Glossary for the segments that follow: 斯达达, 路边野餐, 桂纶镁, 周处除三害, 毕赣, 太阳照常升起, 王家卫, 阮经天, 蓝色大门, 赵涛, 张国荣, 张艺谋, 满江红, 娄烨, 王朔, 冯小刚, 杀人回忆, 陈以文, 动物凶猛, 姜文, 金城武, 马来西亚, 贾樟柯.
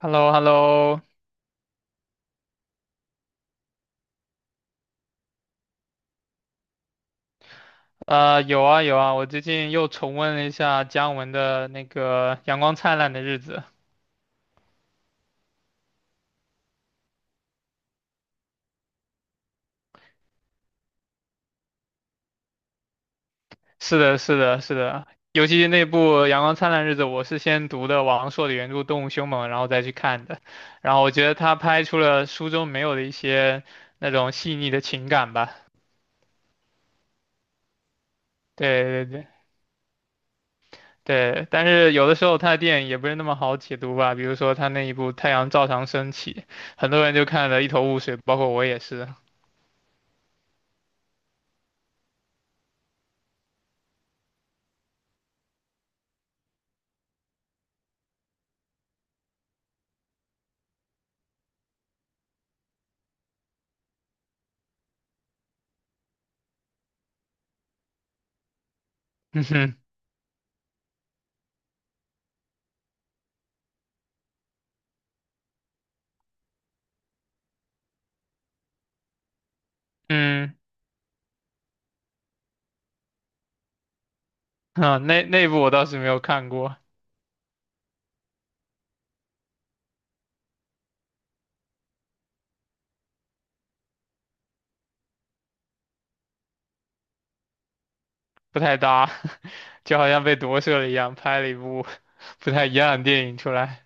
h e l l o h e l l o 有啊有啊，我最近又重温了一下姜文的那个《阳光灿烂的日子》。是的，是的，是的，尤其是那部《阳光灿烂的日子》，我是先读的王朔的原著《动物凶猛》，然后再去看的。然后我觉得他拍出了书中没有的一些那种细腻的情感吧。对对对对，但是有的时候他的电影也不是那么好解读吧，比如说他那一部《太阳照常升起》，很多人就看得一头雾水，包括我也是。嗯哼，嗯。啊，那部我倒是没有看过，不太搭，就好像被夺舍了一样，拍了一部 不太一样的电影出来。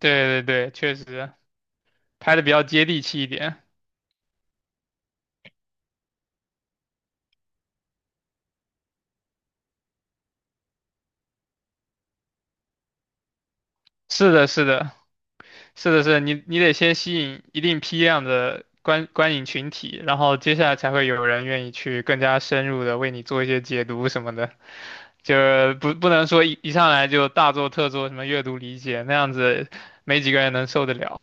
对对对，确实拍的比较接地气一点。是的，是的，是的，是的你得先吸引一定批量的观影群体，然后接下来才会有人愿意去更加深入的为你做一些解读什么的，就是不能说一上来就大做特做什么阅读理解，那样子没几个人能受得了。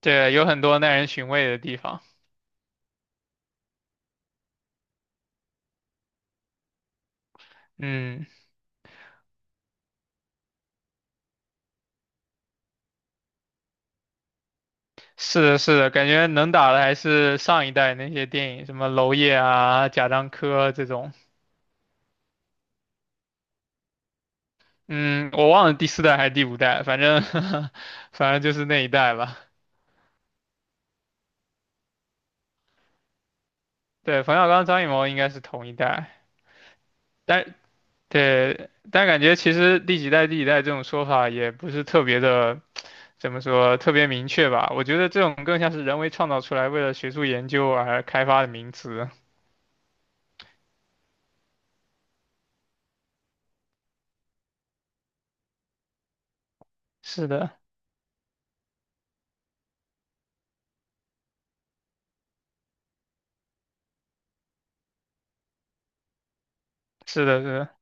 对，有很多耐人寻味的地方。嗯，是的，是的，感觉能打的还是上一代那些电影，什么娄烨啊、贾樟柯这种。嗯，我忘了第四代还是第五代，反正 反正就是那一代吧。对，冯小刚、张艺谋应该是同一代，但对，但感觉其实第几代、第几代这种说法也不是特别的，怎么说，特别明确吧。我觉得这种更像是人为创造出来，为了学术研究而开发的名词。是的，是的，是的。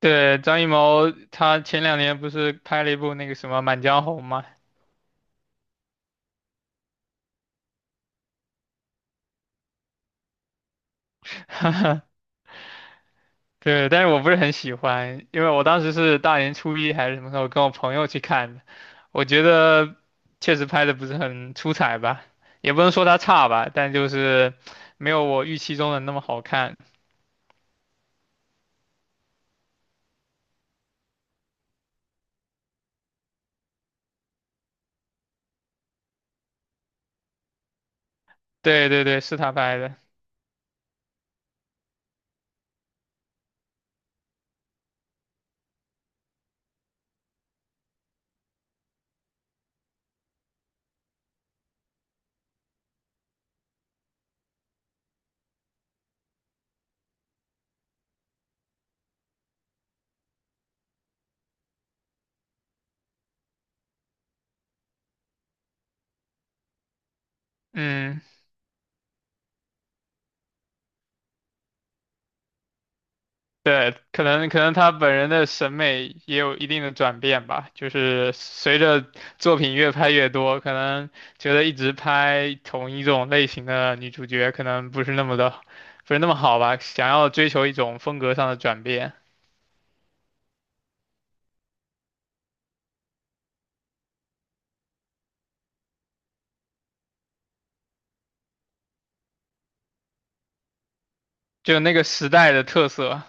对，张艺谋他前两年不是拍了一部那个什么《满江红》嘛，对，但是我不是很喜欢，因为我当时是大年初一还是什么时候跟我朋友去看的，我觉得确实拍的不是很出彩吧，也不能说他差吧，但就是没有我预期中的那么好看。对对对，是他拍的，嗯。对，可能她本人的审美也有一定的转变吧，就是随着作品越拍越多，可能觉得一直拍同一种类型的女主角可能不是那么的，不是那么好吧，想要追求一种风格上的转变，就那个时代的特色，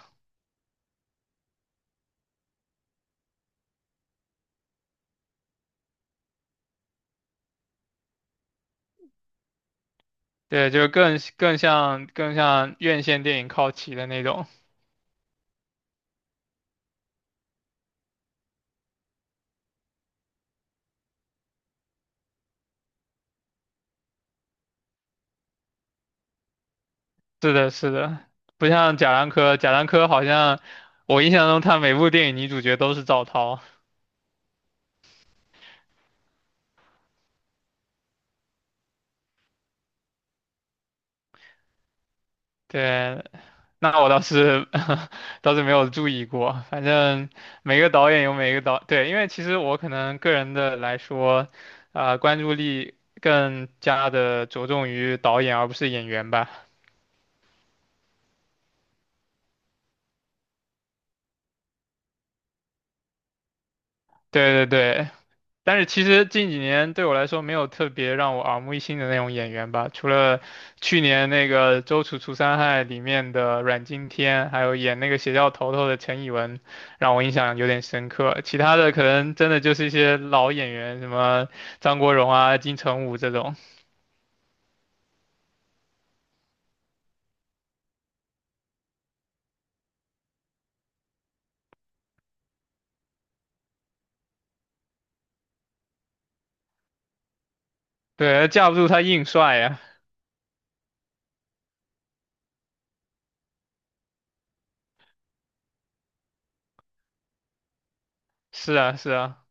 对，就更像院线电影靠齐的那种。是的，是的，不像贾樟柯，贾樟柯好像我印象中他每部电影女主角都是赵涛。对，那我倒是 倒是没有注意过，反正每个导演有每个导，对，因为其实我可能个人的来说，啊、关注力更加的着重于导演而不是演员吧。对对对，但是其实近几年对我来说没有特别让我耳目一新的那种演员吧，除了去年那个《周处除三害》里面的阮经天，还有演那个邪教头头的陈以文，让我印象有点深刻。其他的可能真的就是一些老演员，什么张国荣啊、金城武这种，对，架不住他硬帅呀。是啊，是啊，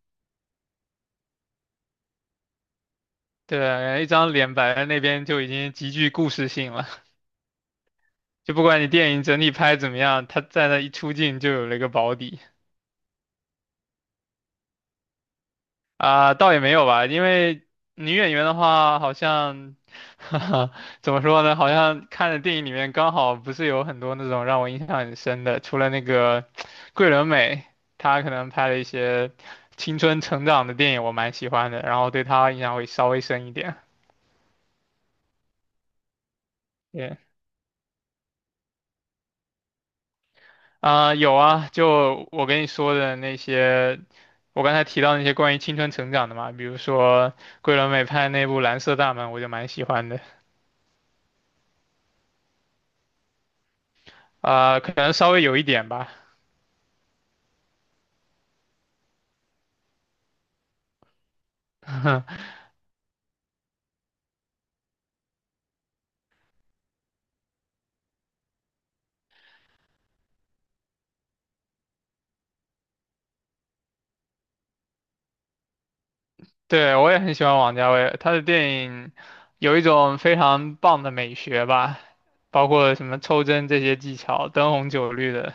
对，一张脸摆在那边就已经极具故事性了，就不管你电影整体拍怎么样，他在那一出镜就有了一个保底。啊、倒也没有吧，因为女演员的话，好像，哈哈怎么说呢？好像看的电影里面刚好不是有很多那种让我印象很深的，除了那个桂纶镁，她可能拍了一些青春成长的电影，我蛮喜欢的，然后对她印象会稍微深一点。对，啊、有啊，就我跟你说的那些，我刚才提到那些关于青春成长的嘛，比如说桂纶镁拍的那部《蓝色大门》，我就蛮喜欢的。啊、可能稍微有一点吧。对，我也很喜欢王家卫，他的电影有一种非常棒的美学吧，包括什么抽帧这些技巧，灯红酒绿的，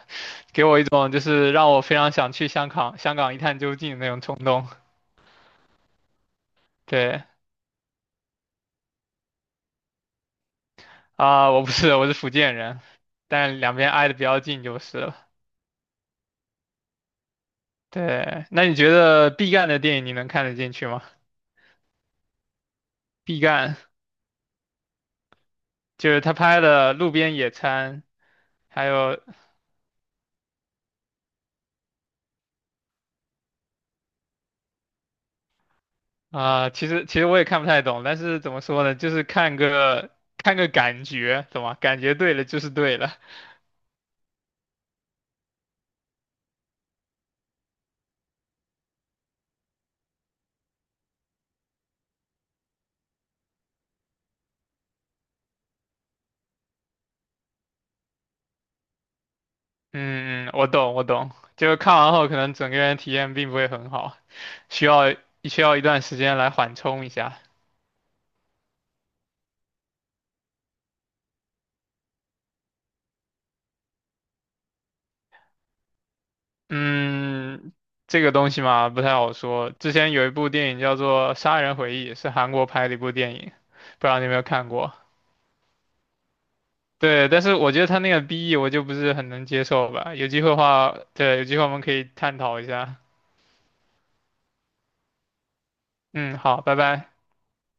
给我一种就是让我非常想去香港，香港一探究竟的那种冲动。对啊，我不是，我是福建人，但两边挨得比较近就是了。对，那你觉得毕赣的电影你能看得进去吗？毕赣就是他拍的《路边野餐》，还有啊、其实我也看不太懂，但是怎么说呢，就是看个感觉，懂吗？感觉对了就是对了。嗯，嗯我懂我懂，就是看完后可能整个人体验并不会很好，需要需要一段时间来缓冲一下。嗯，这个东西嘛不太好说。之前有一部电影叫做《杀人回忆》，是韩国拍的一部电影，不知道你有没有看过？对，但是我觉得他那个 BE 我就不是很能接受吧。有机会的话，对，有机会我们可以探讨一下。嗯，好，拜拜。